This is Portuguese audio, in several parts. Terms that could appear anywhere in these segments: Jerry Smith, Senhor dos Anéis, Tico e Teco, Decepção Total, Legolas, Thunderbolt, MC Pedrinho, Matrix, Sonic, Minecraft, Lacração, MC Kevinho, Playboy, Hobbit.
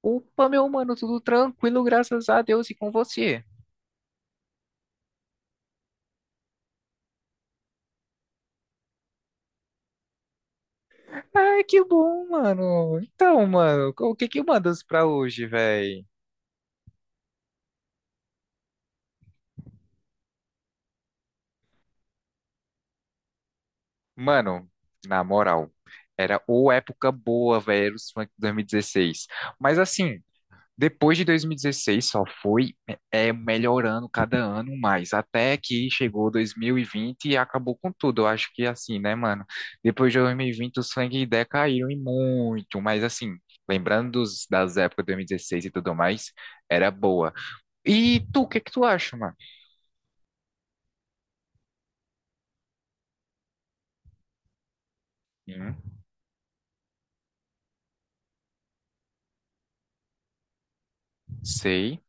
Opa, meu mano, tudo tranquilo, graças a Deus e com você. Ai, que bom, mano. Então, mano, o que que mandas pra hoje, véi? Mano, na moral, era ou época boa, velho, era os funk 2016. Mas assim, depois de 2016 só foi melhorando cada ano mais, até que chegou 2020 e vinte e acabou com tudo. Eu acho que é assim, né, mano? Depois de 2020 os funk decaíram e muito, mas assim, lembrando das épocas de 2016 e dezesseis e tudo mais, era boa. E tu, o que que tu acha, mano? Hum, sei.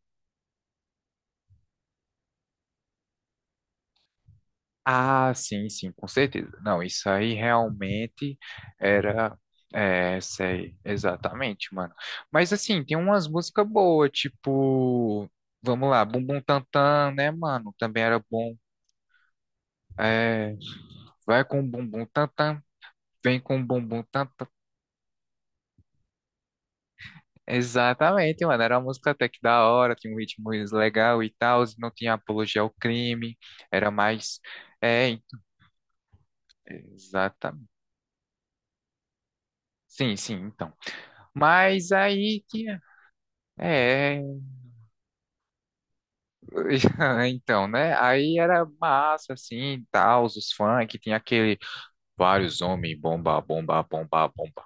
Ah, sim, sim, com certeza. Não, isso aí realmente era. É, sei, exatamente, mano. Mas assim, tem umas músicas boas, tipo. Vamos lá, Bum Bum Tantan, né, mano? Também era bom. É, vai com Bum Bum Tantan, vem com Bum Bum Tantan. Exatamente, mano. Era uma música até que da hora, tinha um ritmo legal e tal, não tinha apologia ao crime, era mais. É, exatamente. Sim, sim, então. Mas aí que é, então, né? Aí era massa, assim, tal, os funk, tinha aquele vários homens, bomba, bomba, bomba, bomba.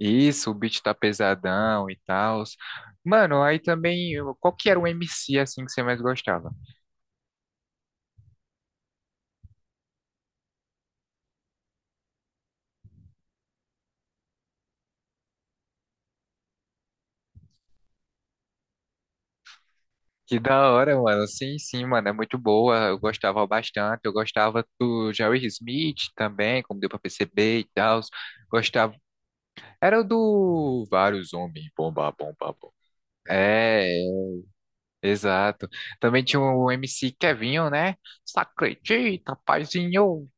Isso, o beat tá pesadão e tal. Mano, aí também, qual que era o MC, assim, que você mais gostava? Que da hora, mano. Sim, sim, mano, é muito boa. Eu gostava bastante. Eu gostava do Jerry Smith também, como deu pra perceber e tal. Gostava. Era o do vários homens, bomba, bomba, bomba. É, exato. Também tinha o MC Kevinho, né? Só acredita, paizinho.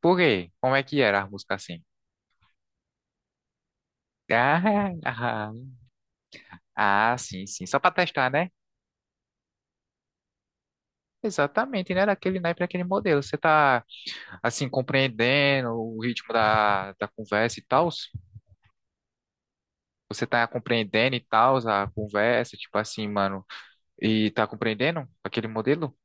Por quê? Como é que era a música assim? Ah, ah, ah, sim, sim. Só pra testar, né? Exatamente, né? Daquele naipe, daquele modelo. Você tá, assim, compreendendo o ritmo da conversa e tal? Você tá compreendendo e tal a conversa, tipo assim, mano. E tá compreendendo aquele modelo?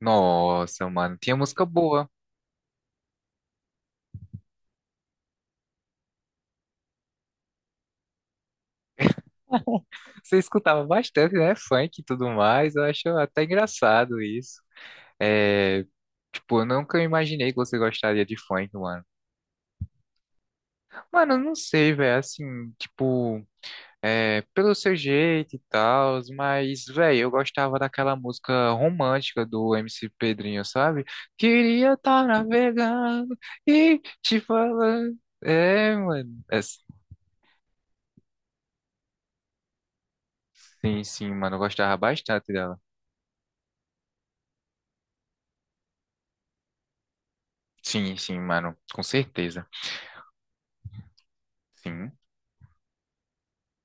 Nossa, mano. Tinha música boa. Você escutava bastante, né? Funk e tudo mais. Eu acho até engraçado isso. É, tipo, eu nunca imaginei que você gostaria de funk, mano. Mano, eu não sei, velho. Assim, tipo, pelo seu jeito e tal, mas, velho, eu gostava daquela música romântica do MC Pedrinho, sabe? Queria estar navegando e te falando. É, mano. É, sim, sim, mano. Eu gostava bastante dela. Sim, sim, mano. Com certeza. Sim.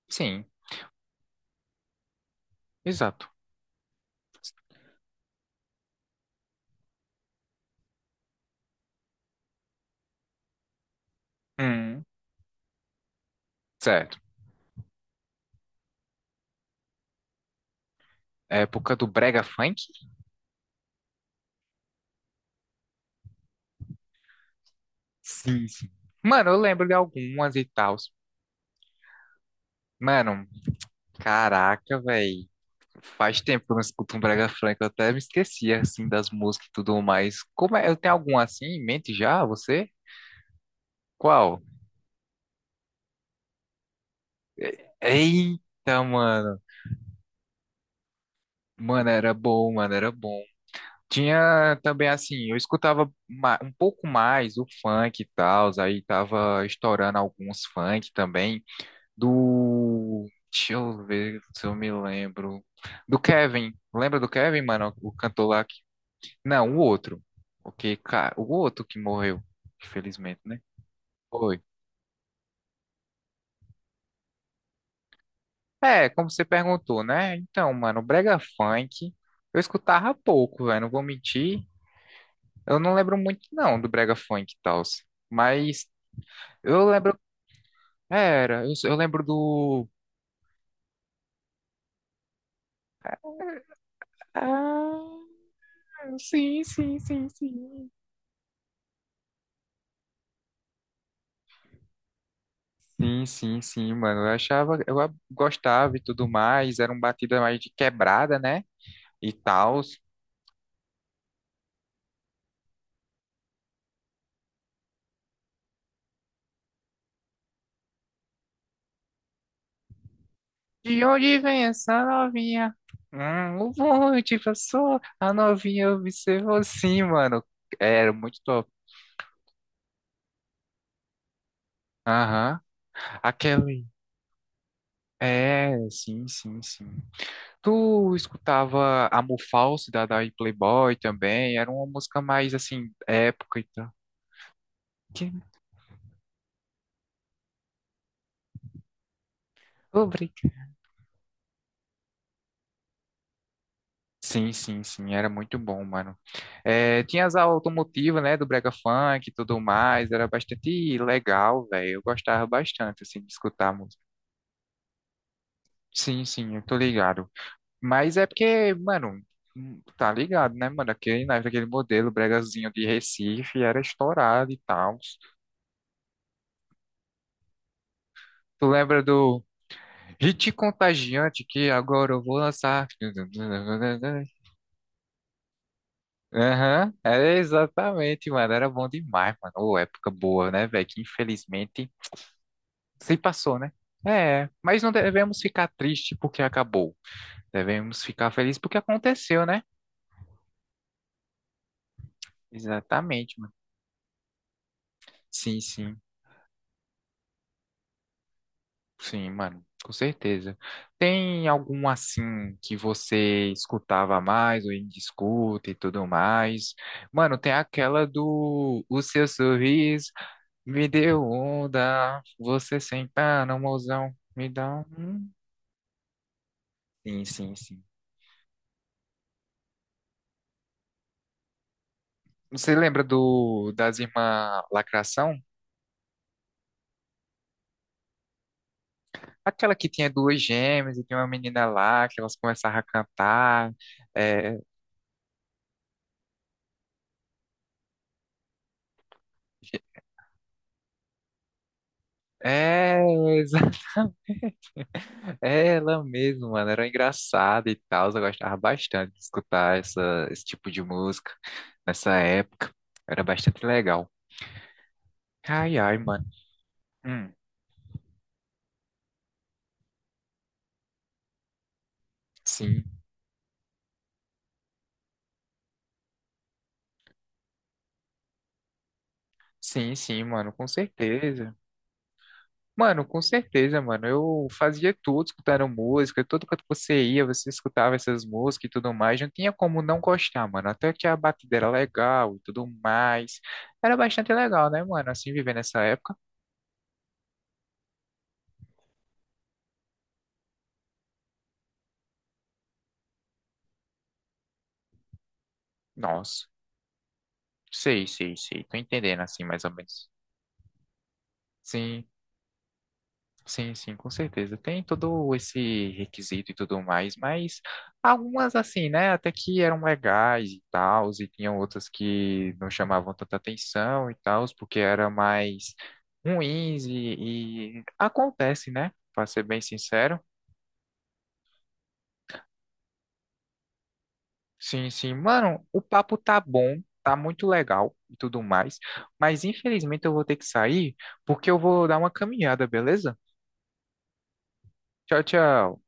Sim, exato. Hum, certo. Época do brega funk? Sim, sim. Mano, eu lembro de algumas e tal. Mano, caraca, velho. Faz tempo que eu não escuto um brega funk. Eu até me esqueci, assim, das músicas e tudo mais. Como é? Eu tenho algum assim em mente já, você? Qual? Eita, mano. Mano, era bom, mano, era bom. Tinha também, assim, eu escutava um pouco mais o funk e tal. Aí tava estourando alguns funk também. Do. Deixa eu ver se eu me lembro. Do Kevin. Lembra do Kevin, mano? O cantor lá. Não, o outro. O que, cara, o outro que morreu, infelizmente, né? Foi. É, como você perguntou, né? Então, mano, brega funk, eu escutava pouco, velho, não vou mentir. Eu não lembro muito, não, do brega funk e tal. Mas eu lembro, era, eu lembro do... Ah, sim, sim, sim, sim. Sim, sim, sim, mano. Eu achava, gostava e tudo mais. Era um batida mais de quebrada, né? E tal. De onde vem essa novinha? O bonde passou, a novinha observou. Sim, mano. Era muito top. Aham. Aquele. É, sim, sim, sim. Tu escutava Amor Falso da Playboy também? Era uma música mais assim, época e tal. Que- Obrigado. Sim, sim, sim, era muito bom, mano. É, tinha as aulas automotivas, né, do Brega Funk e tudo mais, era bastante legal, velho. Eu gostava bastante, assim, de escutar a música. Sim, sim, eu tô ligado. Mas é porque, mano, tá ligado, né, mano? Aquele, na época, aquele modelo bregazinho de Recife era estourado e tal. Tu lembra do Hit Contagiante que agora eu vou lançar? Aham, é exatamente, mano. Era bom demais, mano. Ô, época boa, né, velho? Que infelizmente se passou, né? É, mas não devemos ficar triste porque acabou. Devemos ficar felizes porque aconteceu, né? Exatamente, mano. Sim, sim, sim, mano. Com certeza. Tem algum assim que você escutava mais ou ainda escuta e tudo mais? Mano, tem aquela do O Seu Sorriso. Me deu onda, você sem par, não, mozão, me dá um. Sim, sim, sim. Você lembra do das irmãs Lacração? Aquela que tinha duas gêmeas e tinha uma menina lá que elas começavam a cantar. É, é, exatamente. É ela mesma, mano. Era engraçada e tal. Eu gostava bastante de escutar esse tipo de música nessa época. Era bastante legal. Ai, ai, mano. Hum, sim, sim, sim, mano, com certeza. Mano, com certeza, mano. Eu fazia tudo escutando música, todo canto que você ia, você escutava essas músicas e tudo mais. Não tinha como não gostar, mano. Até que a batida era legal e tudo mais. Era bastante legal, né, mano? Assim, viver nessa época. Nossa, sei, sei, sei. Tô entendendo, assim, mais ou menos. Sim. Sim, sim, com certeza. Tem todo esse requisito e tudo mais, mas algumas assim, né, até que eram legais e tal, e tinham outras que não chamavam tanta atenção e tal, porque era mais ruins e acontece, né? Para ser bem sincero. Sim, sim, mano, o papo tá bom, tá muito legal e tudo mais, mas infelizmente eu vou ter que sair porque eu vou dar uma caminhada, beleza? Tchau, tchau.